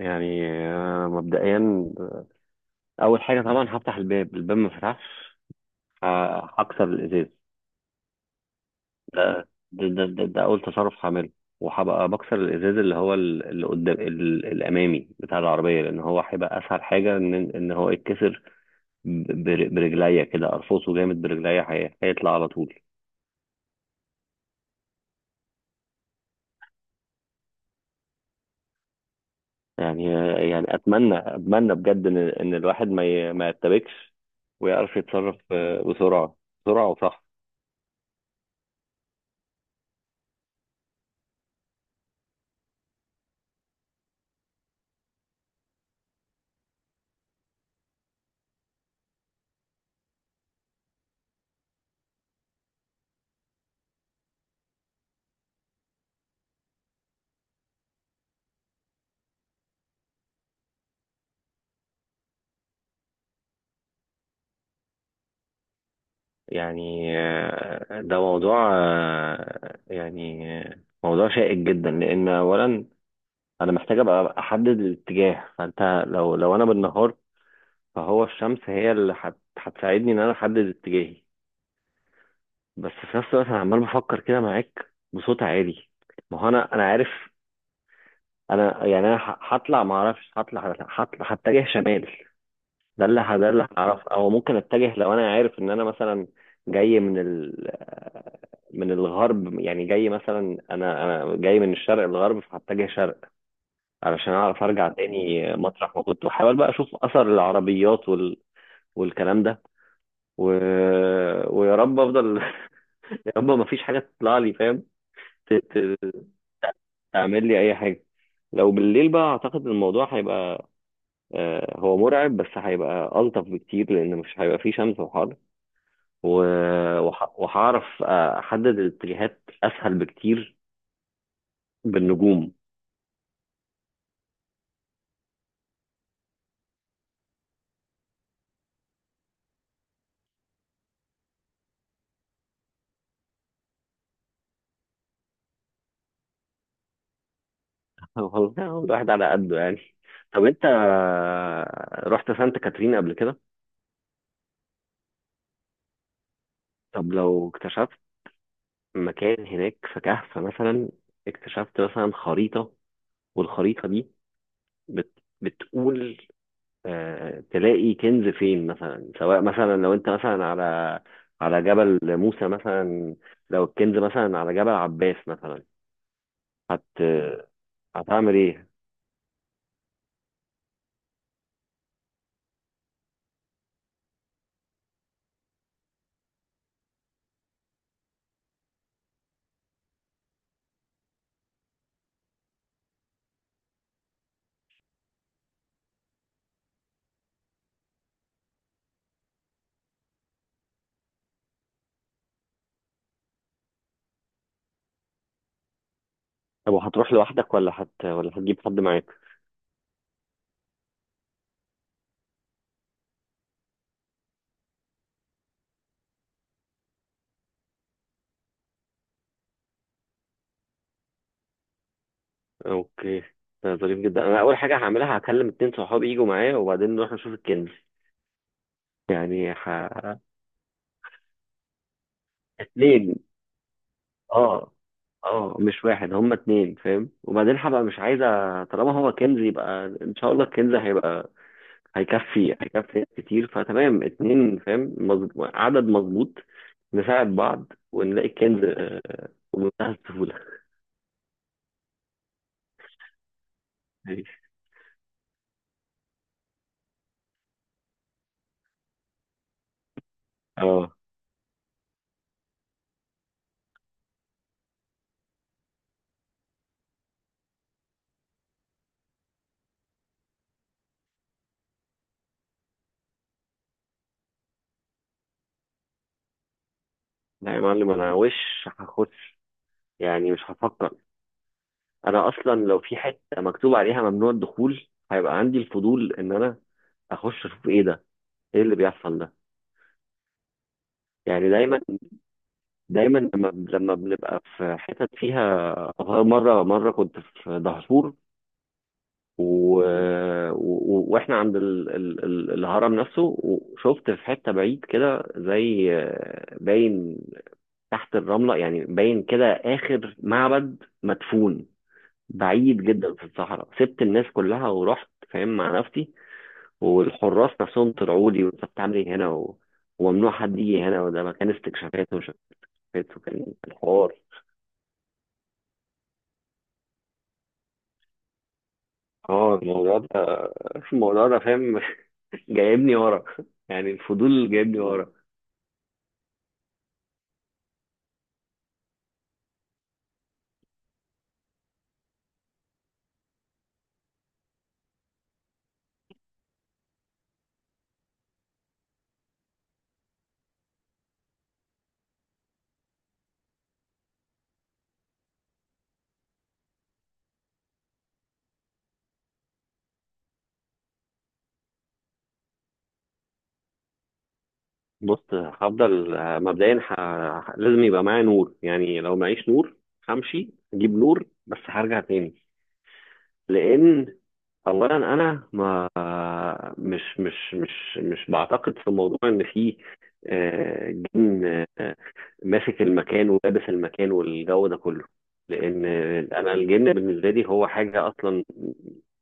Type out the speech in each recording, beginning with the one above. يعني مبدئيا اول حاجه طبعا هفتح الباب ما فتحش، ه- هكسر الازاز. ده اول تصرف هعمله، وهبقى بكسر الازاز اللي هو اللي قدام الامامي بتاع العربيه، لان هو هيبقى اسهل حاجه ان هو يتكسر. برجليا كده ارفصه جامد برجليا، هيطلع على طول. يعني يعني اتمنى بجد ان الواحد ما يتبكش ويعرف يتصرف بسرعه، بسرعه وصح. يعني ده موضوع موضوع شائك جدا، لان اولا انا محتاج ابقى احدد الاتجاه. فانت لو انا بالنهار فهو الشمس هي اللي هتساعدني ان انا احدد اتجاهي. بس في نفس الوقت انا عمال بفكر كده معاك بصوت عالي. ما هو انا عارف. انا يعني انا هطلع، ما اعرفش، هطلع هتجه شمال. ده اللي هعرفه، او ممكن اتجه لو انا عارف ان انا مثلا جاي من الغرب. يعني جاي مثلا انا جاي من الشرق للغرب، فهتجه شرق علشان اعرف ارجع تاني مطرح ما كنت، واحاول بقى اشوف اثر العربيات والكلام ده و... ويا رب افضل. يا رب ما فيش حاجه تطلع لي ت... ت... تعمل لي اي حاجه. لو بالليل بقى اعتقد الموضوع هيبقى هو مرعب، بس هيبقى الطف بكتير لان مش هيبقى فيه شمس وحر، وهعرف احدد الاتجاهات اسهل بكتير. بالنجوم. والله الواحد على قده يعني. طب انت رحت سانت كاترين قبل كده؟ طب لو اكتشفت مكان هناك في كهف مثلا، اكتشفت مثلا خريطة، والخريطة دي بت بتقول تلاقي كنز فين مثلا، سواء مثلا لو انت مثلا على جبل موسى مثلا، لو الكنز مثلا على جبل عباس مثلا، هت هتعمل ايه؟ طب وهتروح لوحدك ولا هت ولا هتجيب حد معاك؟ اوكي، ده ظريف جدا. انا اول حاجه هعملها هكلم اتنين صحابي يجوا معايا، وبعدين نروح نشوف الكنز. يعني ح... اتنين، اه. اه، مش واحد، هما اتنين وبعدين هبقى مش عايزه، طالما هو كنز يبقى ان شاء الله الكنز هيكفي ناس كتير، فتمام. اتنين مظبوط، عدد مظبوط، نساعد بعض ونلاقي الكنز بمنتهى السهوله. ماشي. اه. لا يا معلم، انا وش هخش، يعني مش هفكر. انا اصلا لو في حته مكتوب عليها ممنوع الدخول هيبقى عندي الفضول ان انا اخش اشوف ايه ده، ايه اللي بيحصل ده. يعني دايما، لما بنبقى في حتت فيها، مره كنت في دهشور، و... واحنا عند الهرم نفسه، وشفت في حته بعيد كده زي باين تحت الرمله يعني، باين كده اخر معبد مدفون بعيد جدا في الصحراء. سبت الناس كلها ورحت مع نفسي، والحراس نفسهم طلعوا لي: وانت بتعمل ايه هنا وممنوع حد يجي هنا، وده مكان استكشافات وشفافات، وكان الحوار. اه، الموضوع ده الموضوع ده جايبني ورا، يعني الفضول جايبني ورا. بص، هفضل مبدئيا لازم يبقى معايا نور. يعني لو معيش نور همشي اجيب نور بس هرجع تاني، لان اولا انا ما مش مش مش مش بعتقد في موضوع ان في جن آه، ماسك المكان ولابس المكان والجو ده كله، لان انا الجن بالنسبه لي هو حاجه اصلا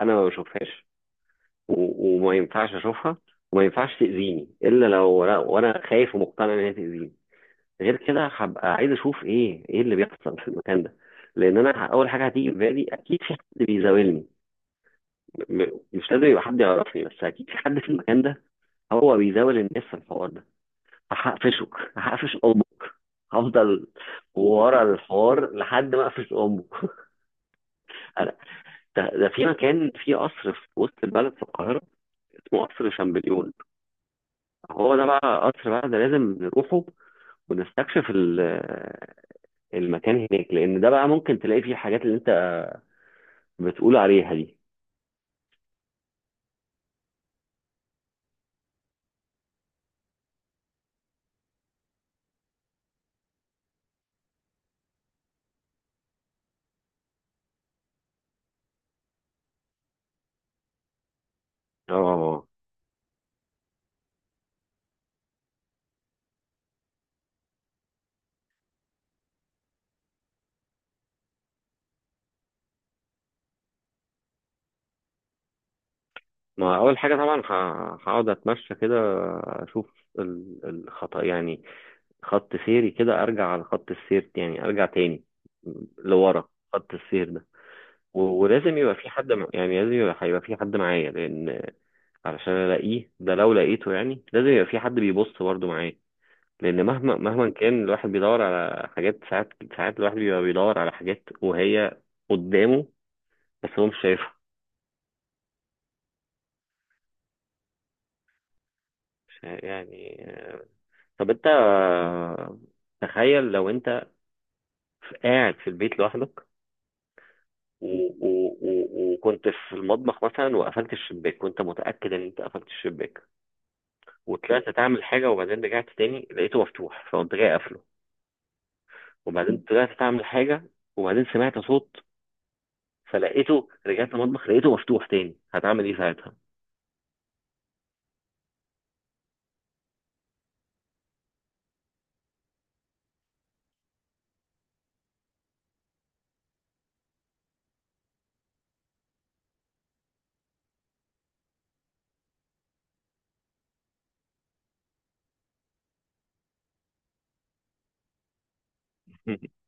انا ما بشوفهاش، وما ينفعش اشوفها، وما ينفعش تاذيني الا لو وأنا خايف ومقتنع ان هي تاذيني. غير كده هبقى عايز اشوف ايه اللي بيحصل في المكان ده، لان انا اول حاجه هتيجي في بالي اكيد في حد بيزاولني. مش لازم يبقى حد يعرفني، بس اكيد في حد في المكان ده هو بيزاول الناس في الحوار ده. هقفشك، هقفش امك، هفضل ورا الحوار لحد ما اقفش امك. انا ده في مكان، في قصر في وسط البلد في القاهره اسمه قصر شامبليون، هو ده بقى قصر. بقى ده لازم نروحه ونستكشف المكان هناك، لان ده بقى ممكن تلاقي فيه الحاجات اللي انت بتقول عليها دي. اه. ما اول حاجه طبعا هقعد اتمشى كده، اشوف الخط يعني، خط سيري كده، ارجع على خط السير يعني، ارجع تاني لورا خط السير ده. ولازم يبقى في حد، يعني لازم يبقى هيبقى في حد معايا، لان علشان الاقيه ده لو لقيته يعني لازم يبقى في حد بيبص برضه معايا، لان مهما كان الواحد بيدور على حاجات ساعات، ساعات الواحد بيبقى بيدور على حاجات وهي قدامه بس هو مش شايفها. يعني. طب انت تخيل لو انت قاعد في البيت لوحدك، وكنت في المطبخ مثلا وقفلت الشباك، وانت متأكد ان انت قفلت الشباك، وطلعت تعمل حاجة، وبعدين رجعت تاني لقيته مفتوح، فقمت جاي قافله، وبعدين طلعت تعمل حاجة وبعدين سمعت صوت، فلقيته رجعت المطبخ لقيته مفتوح تاني، هتعمل ايه ساعتها؟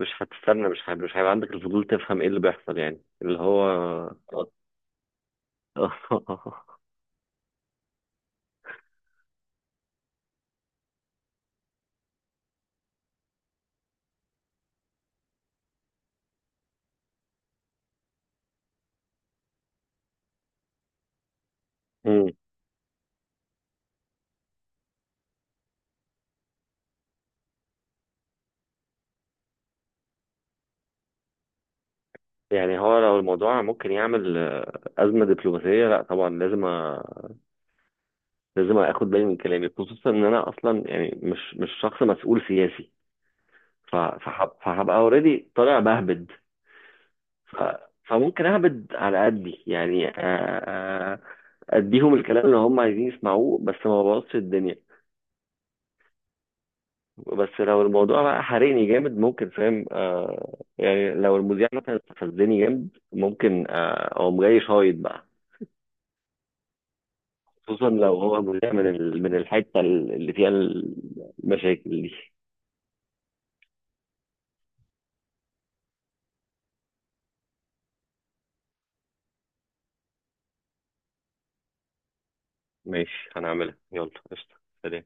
مش هتستنى؟ مش هيبقى عندك الفضول تفهم ايه اللي بيحصل يعني اللي هو؟ يعني هو لو الموضوع ممكن يعمل أزمة دبلوماسية لا طبعا لازم لازم أخد بالي من كلامي، خصوصا إن أنا أصلا يعني مش شخص مسؤول سياسي، فهبقى أوريدي طالع بهبد، ف... فممكن أهبد على قدي يعني، آه، أديهم الكلام اللي هم عايزين يسمعوه بس ما بوظش الدنيا. بس لو الموضوع بقى حرقني جامد ممكن، فاهم آه يعني لو المذيع مثلا استفزني جامد، ممكن أقوم جاي شايط بقى، خصوصا لو هو مذيع من من الحته اللي فيها المشاكل دي. ماشي، هنعملها، يلا قشطه. سلام.